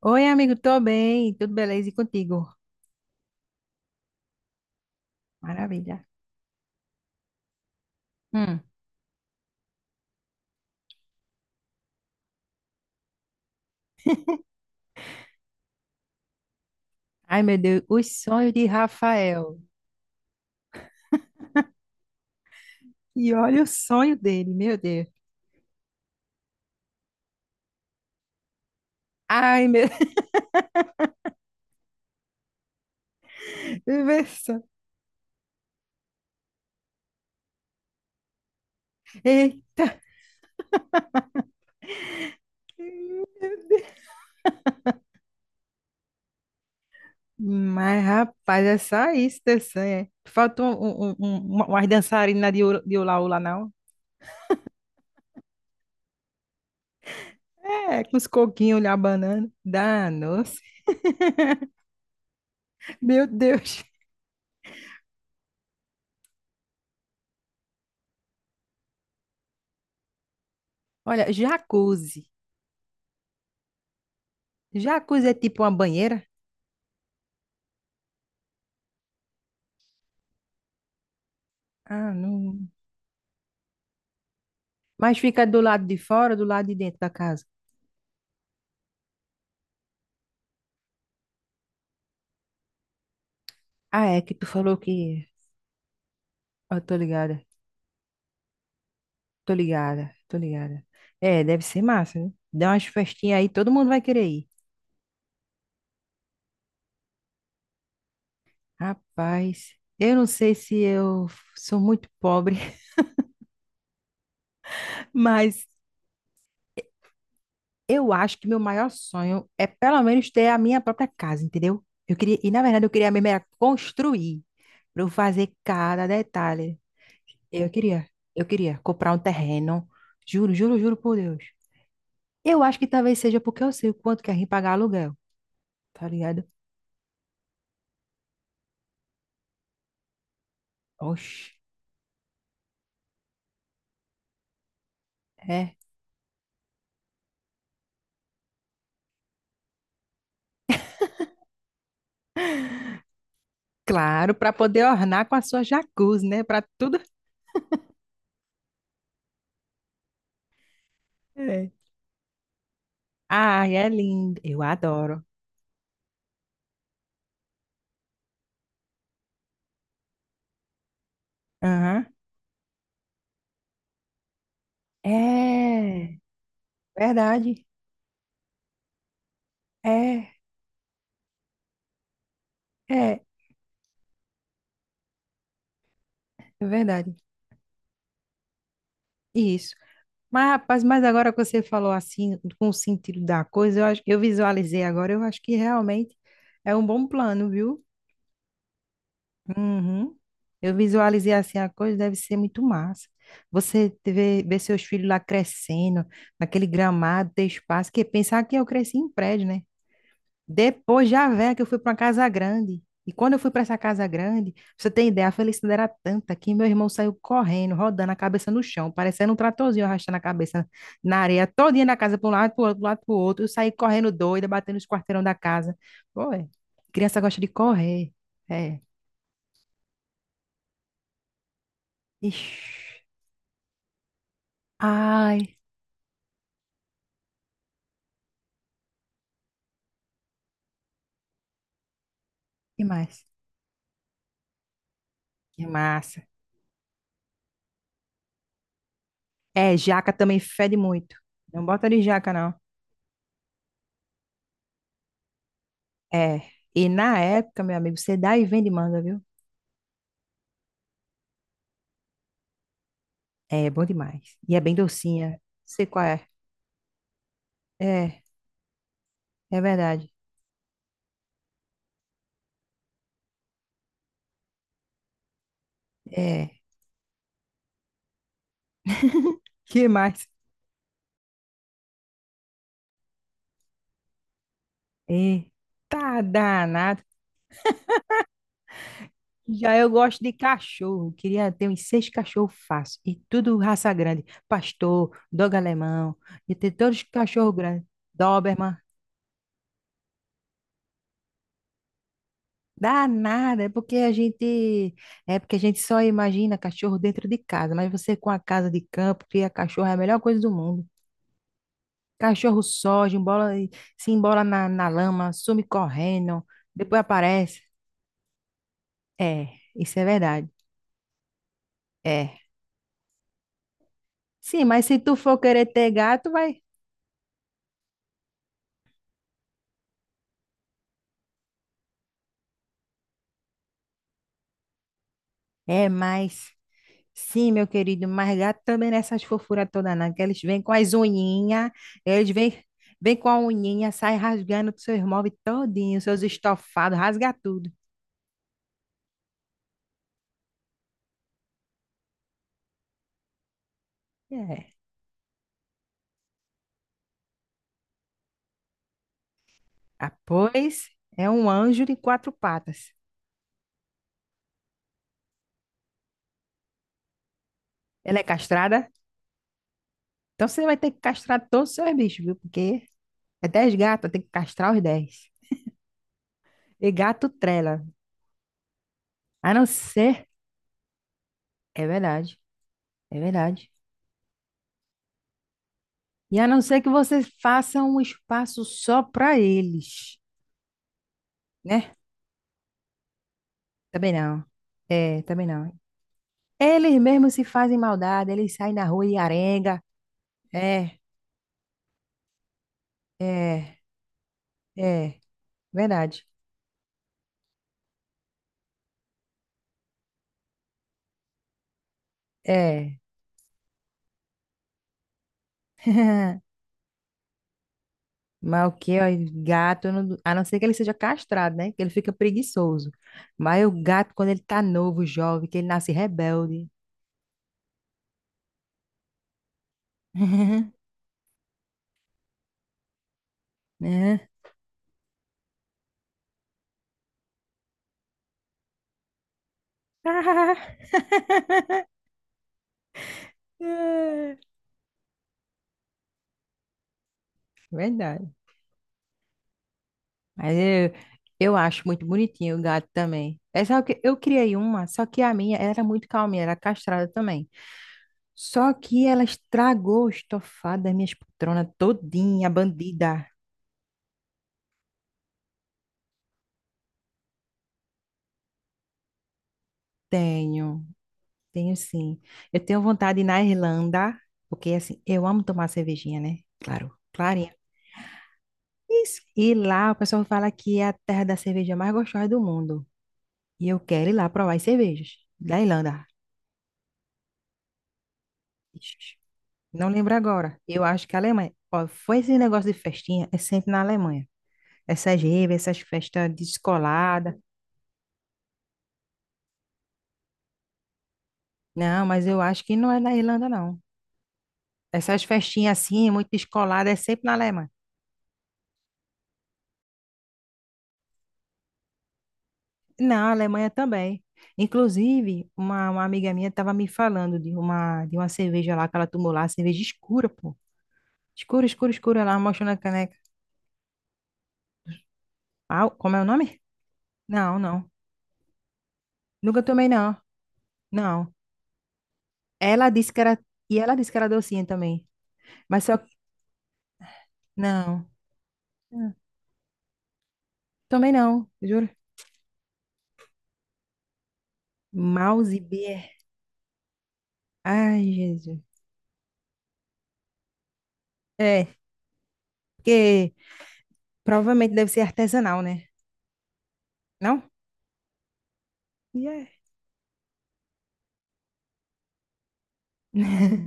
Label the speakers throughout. Speaker 1: Oi, amigo, tô bem, tudo beleza e contigo? Maravilha. Hum. Ai, meu Deus, os sonhos de Rafael. E olha o sonho dele, meu Deus. Ai, meu Deus. Eita. Mas, rapaz, é só isso teu sonho, é? Faltou umas dançarinas de, de ula ula, não? É, com os coquinhos lá, banana. Danos, meu Deus. Olha, jacuzzi. Jacuzzi é tipo uma banheira? Ah, não. Mas fica do lado de fora ou do lado de dentro da casa? Ah, é que tu falou que. Eu tô ligada, tô ligada. É, deve ser massa, né? Dá umas festinhas aí, todo mundo vai querer ir. Rapaz, eu não sei se eu sou muito pobre, mas eu acho que meu maior sonho é pelo menos ter a minha própria casa, entendeu? Eu queria, e na verdade eu queria mesmo era construir, pra eu fazer cada detalhe. Eu queria, eu queria comprar um terreno, juro, juro, juro por Deus. Eu acho que talvez seja porque eu sei o quanto que a gente pagar aluguel, tá ligado? Oxe, é. Claro, para poder ornar com a sua jacuzzi, né? Para tudo. É. Ai, é lindo. Eu adoro. Aham. É, verdade. É, é, é, verdade. Isso. Mas, rapaz, mas agora que você falou assim, com o sentido da coisa, eu acho, eu visualizei agora, eu acho que realmente é um bom plano, viu? Uhum. Eu visualizei assim a coisa, deve ser muito massa. Você te vê, vê seus filhos lá crescendo, naquele gramado, ter espaço, que pensar que eu cresci em prédio, né? Depois já velha que eu fui para uma casa grande. E quando eu fui para essa casa grande, pra você tem ideia, a felicidade era tanta que meu irmão saiu correndo, rodando a cabeça no chão, parecendo um tratorzinho arrastando a cabeça na areia, todinha na casa, para um lado, para outro, para lado, para outro. Eu saí correndo doida, batendo os quarteirão da casa. Pô, é. Criança gosta de correr. É. Ixi. Ai, que mais? Que massa. É, jaca também fede muito. Não bota de jaca, não. É. E na época, meu amigo, você dá e vende manga, viu? É, bom demais. E é bem docinha. Sei qual é. É, é verdade. É. Que mais? É. Tá danado. Já eu gosto de cachorro. Queria ter uns seis cachorros fácil. E tudo raça grande. Pastor, dogo alemão. E ter todos os cachorros grandes. Doberman. Dá nada, é porque a gente é porque a gente só imagina cachorro dentro de casa, mas você com a casa de campo, cria cachorro, é a melhor coisa do mundo. Cachorro soja, embola, se embola na lama, some correndo, depois aparece. É, isso é verdade. É. Sim, mas se tu for querer ter gato, vai. É, mas sim, meu querido, mas gato também nessas fofuras toda não, que eles vêm com as unhinhas, eles vêm com a unhinha, sai rasgando seus móveis todinhos, seus estofados, rasga tudo. É. Ah, pois é um anjo de quatro patas. Ela é castrada? Então você vai ter que castrar todos os seus bichos, viu? Porque é 10 gatos, tem que castrar os 10. E gato trela. A não ser. É verdade, é verdade. E a não ser que você faça um espaço só para eles, né? Também não. É, também não. Eles mesmos se fazem maldade, eles saem na rua e arenga. É, é, é. Verdade. É. Mas o que, ó, gato, eu não- a não ser que ele seja castrado, né? Que ele fica preguiçoso. Mas o gato, quando ele tá novo, jovem, que ele nasce rebelde. Né? É, verdade. Mas eu, eu acho muito bonitinho o gato também. É só que eu criei uma, só que a minha era muito calminha, era castrada também. Só que ela estragou o estofado das minhas poltronas todinha, bandida. Tenho, tenho sim. Eu tenho vontade de ir na Irlanda, porque assim, eu amo tomar cervejinha, né? Claro, clarinha. Isso. E lá o pessoal fala que é a terra da cerveja mais gostosa do mundo. E eu quero ir lá provar as cervejas da Irlanda. Ixi, não lembro agora. Eu acho que a Alemanha. Ó, foi esse negócio de festinha, é sempre na Alemanha. Essas raves, essas festas descoladas. Não, mas eu acho que não é na Irlanda, não. Essas festinhas assim, muito descoladas, é sempre na Alemanha. Na Alemanha também. Inclusive, uma amiga minha estava me falando de uma cerveja lá que ela tomou lá, cerveja escura, pô. Escura, escura, escura, lá, mostrando a caneca. Ah, como é o nome? Não, não. Nunca tomei, não. Não. Ela disse que era. E ela disse que era docinha também. Mas só. Não. Ah, também não, juro. Mouse Beer. Ai, Jesus. É, porque provavelmente deve ser artesanal, né? Não? E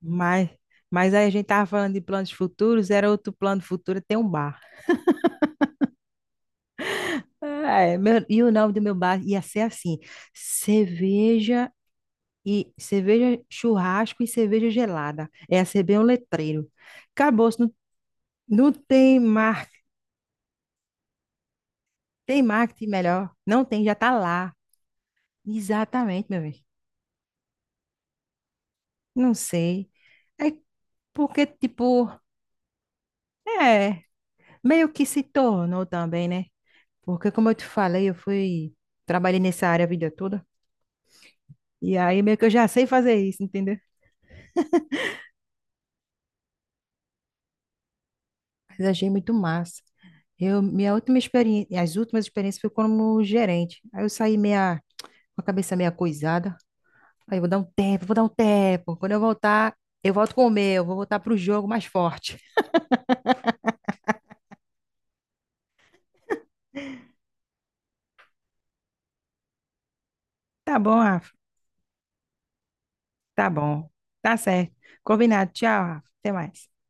Speaker 1: Mas, mas aí a gente tava falando de planos futuros, era outro plano futuro, tem um bar. Ah, é, e o nome do meu bar ia ser assim: cerveja e cerveja churrasco e cerveja gelada. Ia ser bem um letreiro. Acabou, não, não tem marketing, tem marketing melhor. Não tem, já tá lá. Exatamente, meu bem. Não sei. É porque, tipo, é, meio que se tornou também, né? Porque, como eu te falei, eu fui, trabalhei nessa área a vida toda. E aí meio que eu já sei fazer isso, entendeu? Mas achei muito massa. Eu, minha última experiência, as últimas experiências foi como gerente. Aí eu saí meia, com a cabeça meia coisada. Aí eu vou dar um tempo, vou dar um tempo. Quando eu voltar, eu volto com o meu, vou voltar pro jogo mais forte. Tá bom, Rafa. Tá bom. Tá certo. Combinado. Tchau, Rafa. Até mais.